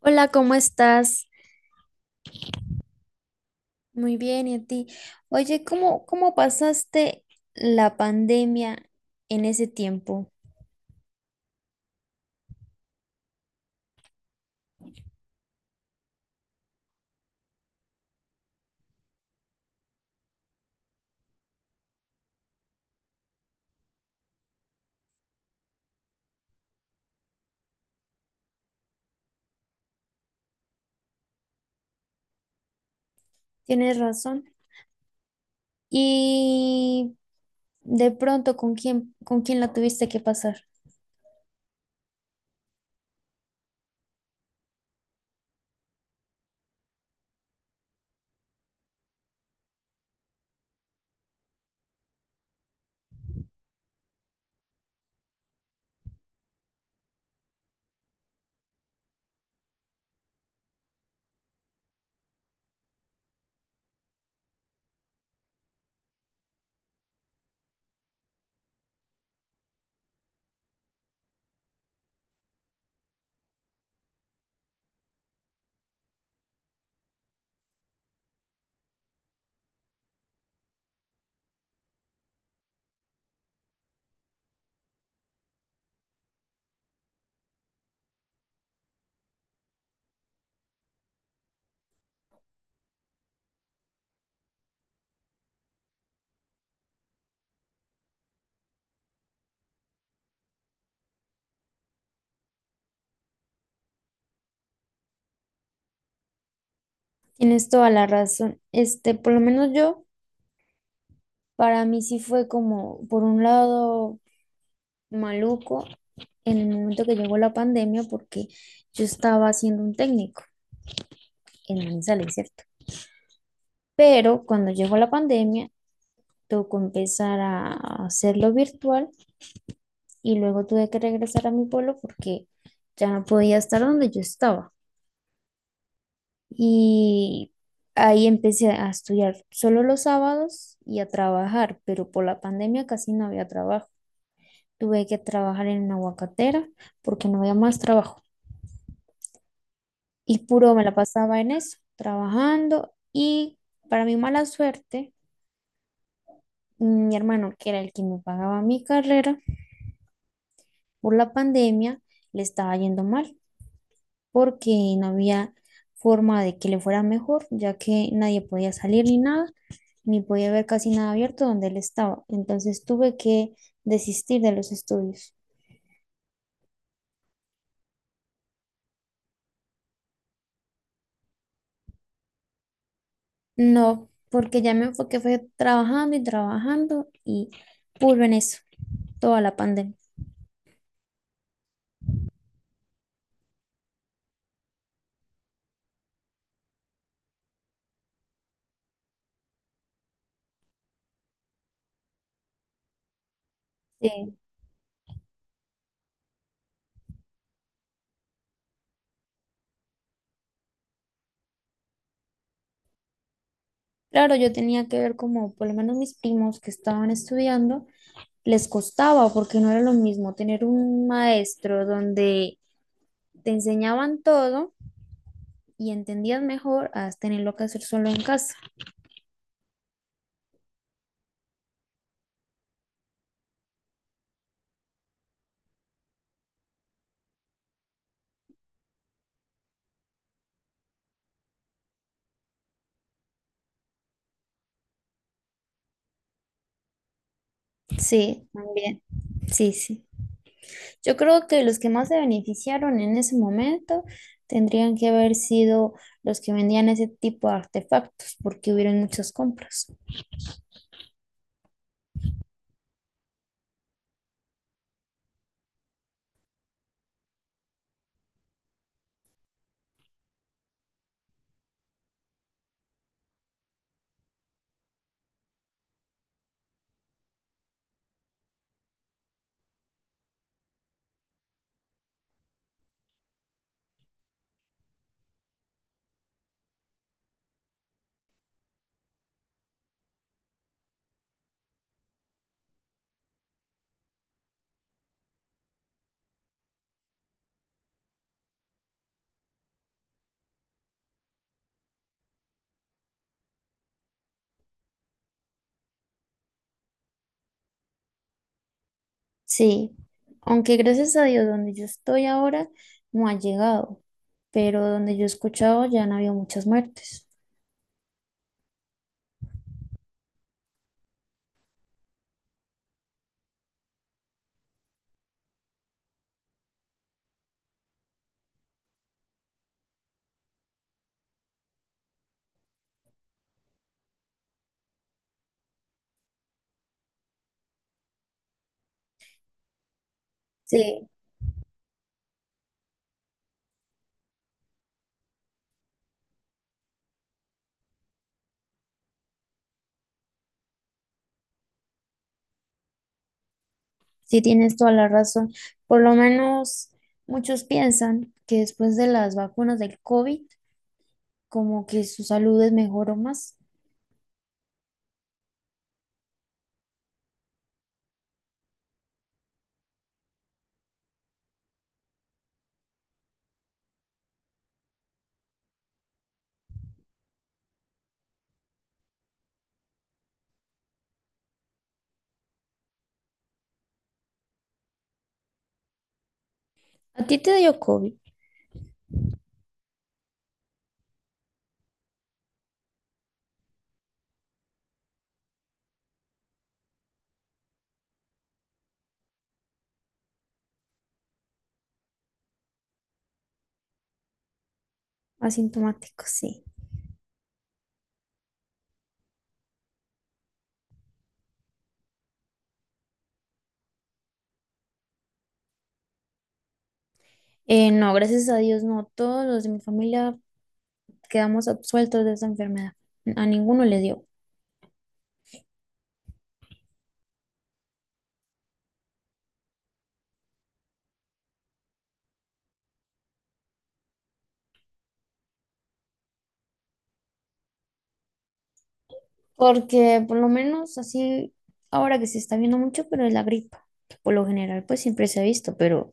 Hola, ¿cómo estás? Muy bien, ¿y a ti? Oye, ¿cómo pasaste la pandemia en ese tiempo? Tienes razón. Y de pronto, ¿con quién la tuviste que pasar? Tienes toda la razón. Este, por lo menos yo, para mí sí fue como, por un lado, maluco en el momento que llegó la pandemia, porque yo estaba haciendo un técnico en Manizales, ¿cierto? Pero cuando llegó la pandemia, tengo que empezar a hacerlo virtual y luego tuve que regresar a mi pueblo porque ya no podía estar donde yo estaba. Y ahí empecé a estudiar solo los sábados y a trabajar, pero por la pandemia casi no había trabajo. Tuve que trabajar en una aguacatera porque no había más trabajo. Y puro me la pasaba en eso, trabajando. Y para mi mala suerte, mi hermano, que era el que me pagaba mi carrera, por la pandemia le estaba yendo mal, porque no había forma de que le fuera mejor, ya que nadie podía salir ni nada, ni podía ver casi nada abierto donde él estaba. Entonces tuve que desistir de los estudios. No, porque ya me enfoqué, fue trabajando y trabajando y puro en eso, toda la pandemia. Sí. Claro, yo tenía que ver como por lo menos mis primos que estaban estudiando, les costaba porque no era lo mismo tener un maestro donde te enseñaban todo y entendías mejor a tenerlo que hacer solo en casa. Sí, también. Sí, sí. Yo creo que los que más se beneficiaron en ese momento tendrían que haber sido los que vendían ese tipo de artefactos, porque hubieron muchas compras. Sí, aunque gracias a Dios, donde yo estoy ahora no ha llegado, pero donde yo he escuchado ya han habido muchas muertes. Sí, sí, tienes toda la razón. Por lo menos muchos piensan que después de las vacunas del COVID como que su salud es mejor o más. ¿A ti te dio COVID? Asintomático, sí. No, gracias a Dios, no. Todos los de mi familia quedamos absueltos de esa enfermedad. A ninguno le dio. Porque por lo menos así, ahora que se está viendo mucho, pero es la gripa, que por lo general, pues siempre se ha visto, pero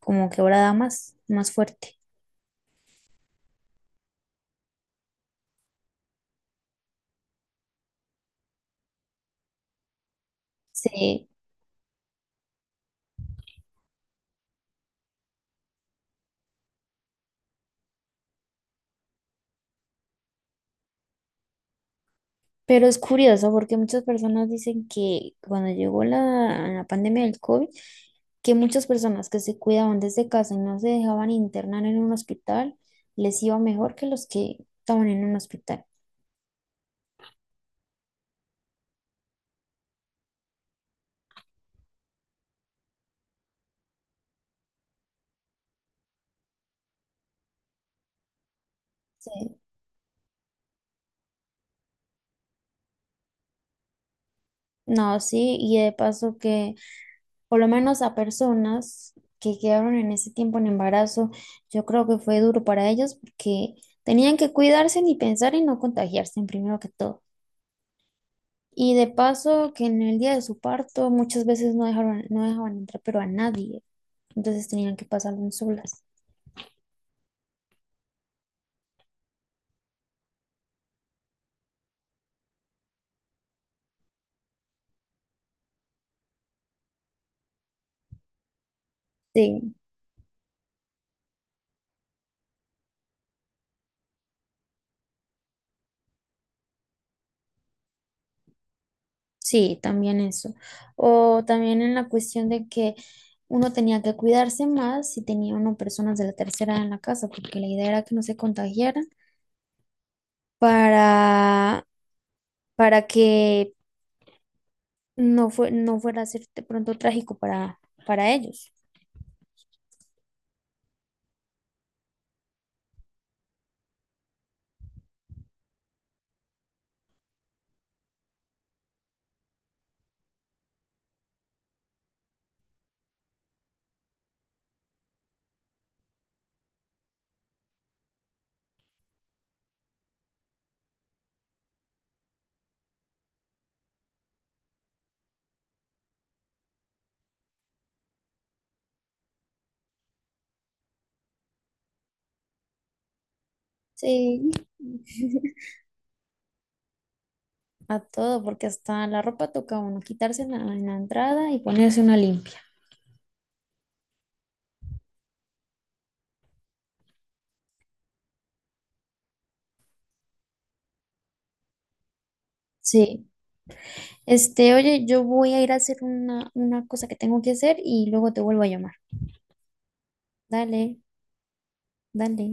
como que ahora da más, más fuerte. Sí, pero es curioso porque muchas personas dicen que cuando llegó la pandemia del COVID, que muchas personas que se cuidaban desde casa y no se dejaban internar en un hospital, les iba mejor que los que estaban en un hospital. Sí. No, sí, y de paso que por lo menos a personas que quedaron en ese tiempo en embarazo, yo creo que fue duro para ellos porque tenían que cuidarse ni pensar en no contagiarse, primero que todo. Y de paso, que en el día de su parto muchas veces no dejaban entrar, pero a nadie. Entonces tenían que pasarlo solas. Sí, sí, también eso. O también en la cuestión de que uno tenía que cuidarse más si tenía uno personas de la tercera edad en la casa, porque la idea era que no se contagiaran para, para que no fuera a ser de pronto trágico para ellos. Sí. A todo, porque hasta la ropa toca uno quitarse en la entrada y ponerse una limpia. Sí. Este, oye, yo voy a ir a hacer una cosa que tengo que hacer y luego te vuelvo a llamar. Dale, dale.